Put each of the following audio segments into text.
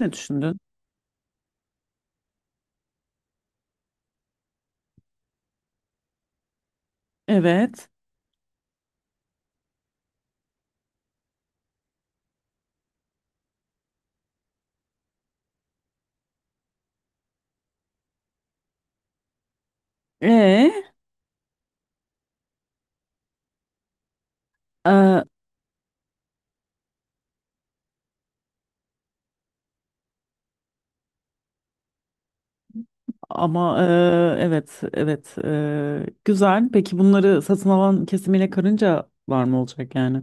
Ne düşündün? Evet. Ee, Ee, ama evet, evet, güzel. Peki bunları satın alan kesimiyle karınca var mı olacak yani?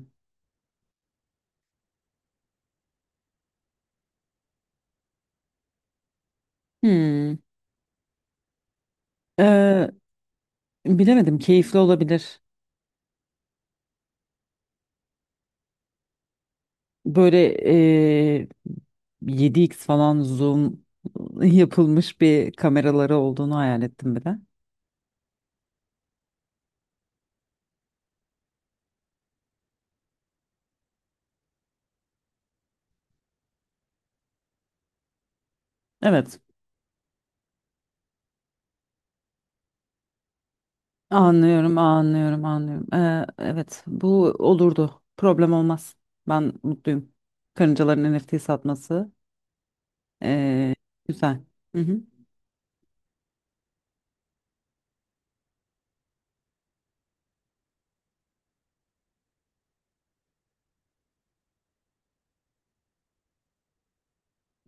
Hmm. Ee, Bilemedim. Keyifli olabilir. Böyle ee, 7x falan zoom yapılmış bir kameraları olduğunu hayal ettim bir de. Evet. Anlıyorum, anlıyorum, anlıyorum. Evet, bu olurdu. Problem olmaz. Ben mutluyum. Karıncaların NFT satması ee, güzel. Hı hı.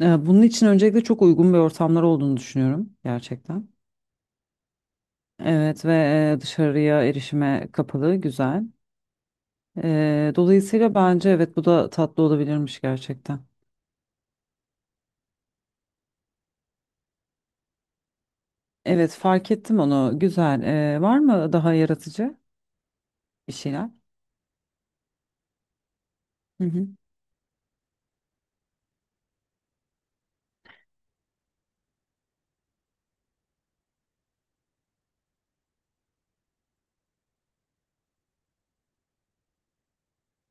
Bunun için öncelikle çok uygun bir ortamlar olduğunu düşünüyorum gerçekten. Evet ve dışarıya erişime kapalı, güzel. Dolayısıyla bence evet, bu da tatlı olabilirmiş gerçekten. Evet, fark ettim onu. Güzel. Var mı daha yaratıcı bir şeyler? Hı hı.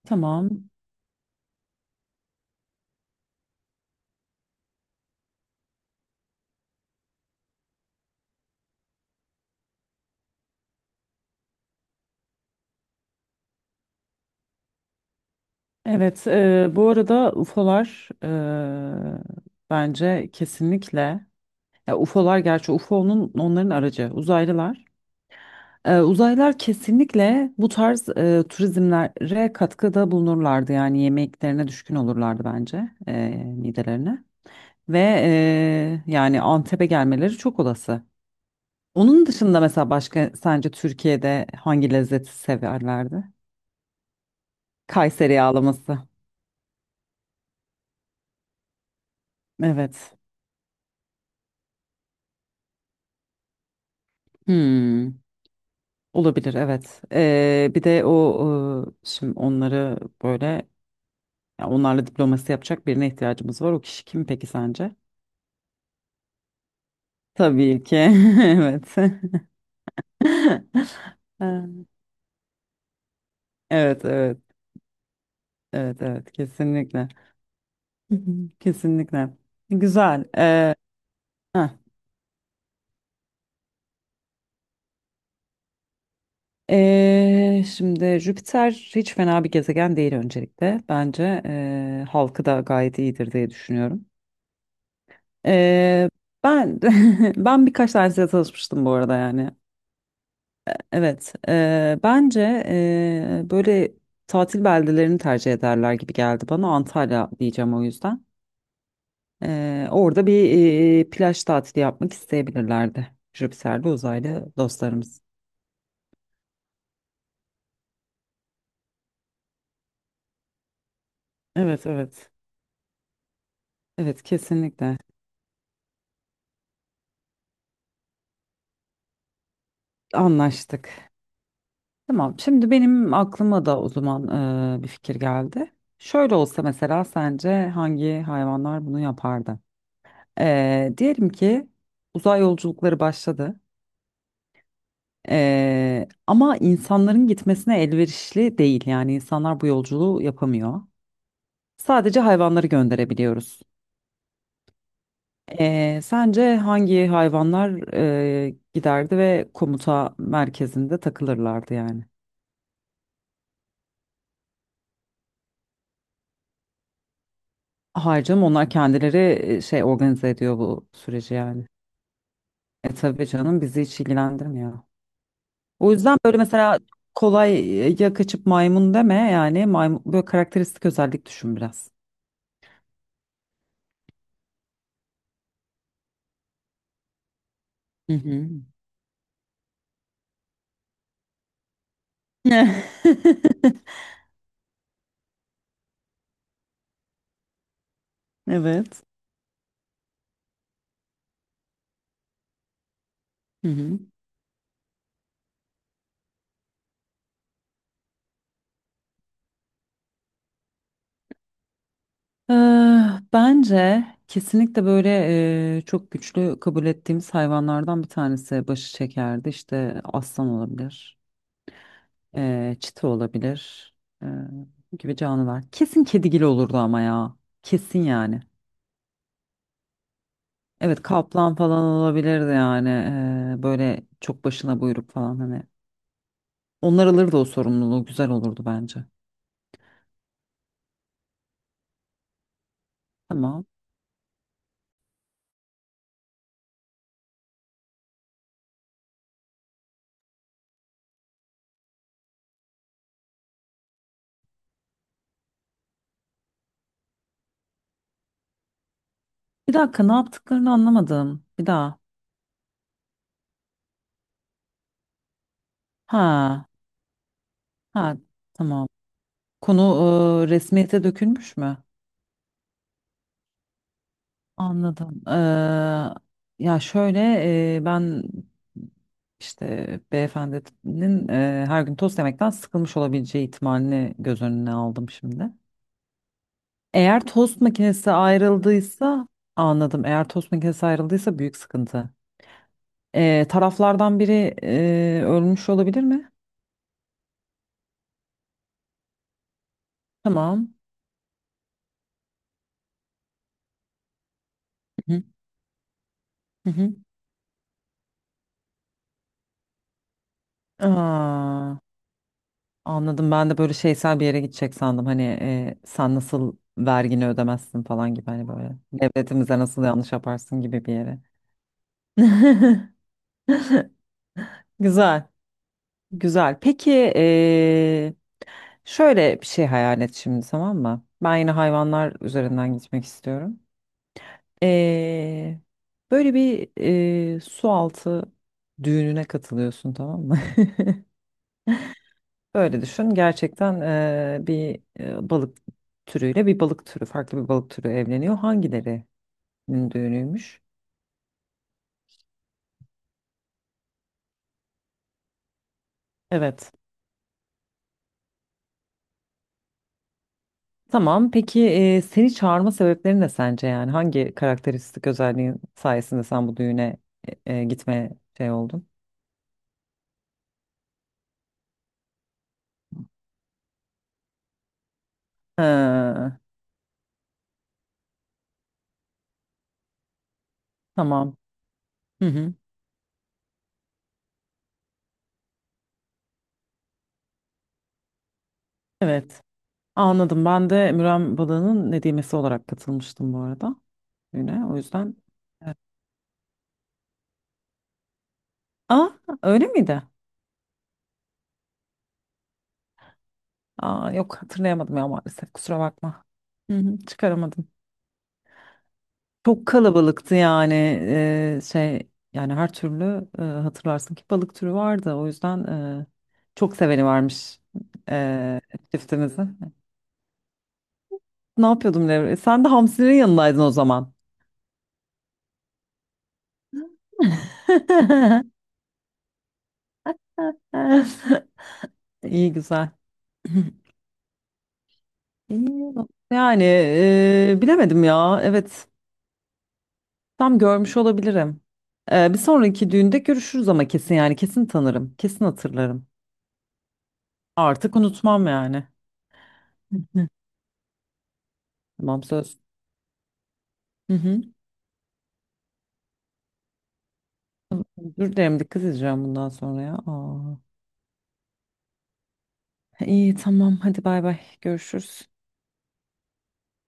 Tamam. Evet, bu arada UFO'lar e, bence kesinlikle, ya UFO'lar, gerçi UFO'nun onların aracı uzaylılar. Uzaylılar kesinlikle bu tarz turizmlere katkıda bulunurlardı yani yemeklerine düşkün olurlardı bence, midelerine ve yani Antep'e gelmeleri çok olası. Onun dışında mesela başka sence Türkiye'de hangi lezzeti severlerdi? Kayseri yağlaması. Evet. Hmm. Olabilir, evet. Bir de o şimdi onları böyle, ya onlarla diplomasi yapacak birine ihtiyacımız var. O kişi kim peki sence? Tabii ki. Evet. Ha. Evet, evet. Evet, evet, kesinlikle. Hı hı. Kesinlikle. Güzel. Heh. Şimdi Jüpiter hiç fena bir gezegen değil öncelikle. Bence halkı da gayet iyidir diye düşünüyorum. Ee, Ben ben birkaç tanesiyle tanışmıştım bu arada yani. Evet, bence böyle tatil beldelerini tercih ederler gibi geldi bana. Antalya diyeceğim o yüzden. Orada bir plaj tatili yapmak isteyebilirlerdi. Jüpiter'de uzaylı dostlarımız. Evet, evet. Evet, kesinlikle. Anlaştık. Tamam, şimdi benim aklıma da o zaman bir fikir geldi. Şöyle olsa mesela sence hangi hayvanlar bunu yapardı? Eee, diyelim ki uzay yolculukları başladı. Ama insanların gitmesine elverişli değil yani insanlar bu yolculuğu yapamıyor. Sadece hayvanları gönderebiliyoruz. Sence hangi hayvanlar giderdi ve komuta merkezinde takılırlardı yani? Hayır canım, onlar kendileri şey organize ediyor bu süreci yani. E tabii canım, bizi hiç ilgilendirmiyor. O yüzden böyle mesela kolay, ya kaçıp maymun deme yani maymun, böyle karakteristik özellik düşün biraz. Hı hı. Evet. Hı hı. Bence kesinlikle böyle çok güçlü kabul ettiğimiz hayvanlardan bir tanesi başı çekerdi. İşte aslan olabilir, eee, çita olabilir, eee, gibi canlılar. Kesin kedigil olurdu ama ya. Kesin yani. Evet, kaplan falan olabilirdi yani. Böyle çok başına buyruk falan hani. Onlar alırdı o sorumluluğu. Güzel olurdu bence. Tamam. Bir dakika, ne yaptıklarını anlamadım. Bir daha. Ha. Ha. Tamam. Konu resmiyete dökülmüş mü? Anladım. Ya şöyle, ben işte beyefendinin her gün tost yemekten sıkılmış olabileceği ihtimalini göz önüne aldım şimdi. Eğer tost makinesi ayrıldıysa anladım. Eğer tost makinesi ayrıldıysa büyük sıkıntı. Taraflardan biri ölmüş olabilir mi? Tamam. Hı hı. hı hı. Aa. Anladım. Ben de böyle şeysel bir yere gidecek sandım. Hani sen nasıl vergini ödemezsin falan gibi, hani böyle devletimize nasıl yanlış yaparsın gibi bir yere. Güzel, güzel. Peki şöyle bir şey hayal et şimdi tamam mı? Ben yine hayvanlar üzerinden gitmek istiyorum. E, Böyle bir su altı düğününe katılıyorsun tamam mı? Öyle düşün. Gerçekten bir balık türüyle bir balık türü, farklı bir balık türü evleniyor. Hangilerinin düğünüymüş? Evet. Tamam. Peki seni çağırma sebepleri ne sence yani? Hangi karakteristik özelliğin sayesinde sen bu düğüne gitmeye şey oldun? Ha, tamam. Hı hı. Evet. Anladım. Ben de Müren balığının nedimesi olarak katılmıştım bu arada düğüne. O yüzden. Aa, öyle miydi? Aa, yok, hatırlayamadım ya maalesef, kusura bakma. Hı hı, çıkaramadım. Çok kalabalıktı yani, şey yani her türlü, hatırlarsın ki balık türü vardı. O yüzden e, çok seveni varmış e, çiftimizi. Ne yapıyordum Devre? Sen de hamsinin yanındaydın o zaman. İyi, güzel. İyi. Yani bilemedim ya. Evet. Tam görmüş olabilirim. Bir sonraki düğünde görüşürüz ama kesin yani, kesin tanırım. Kesin hatırlarım. Artık unutmam yani. Hı. Tamam, söz. Hı hı. Dur derim, dikkat edeceğim bundan sonra ya. Aa. İyi tamam, hadi bay bay, görüşürüz.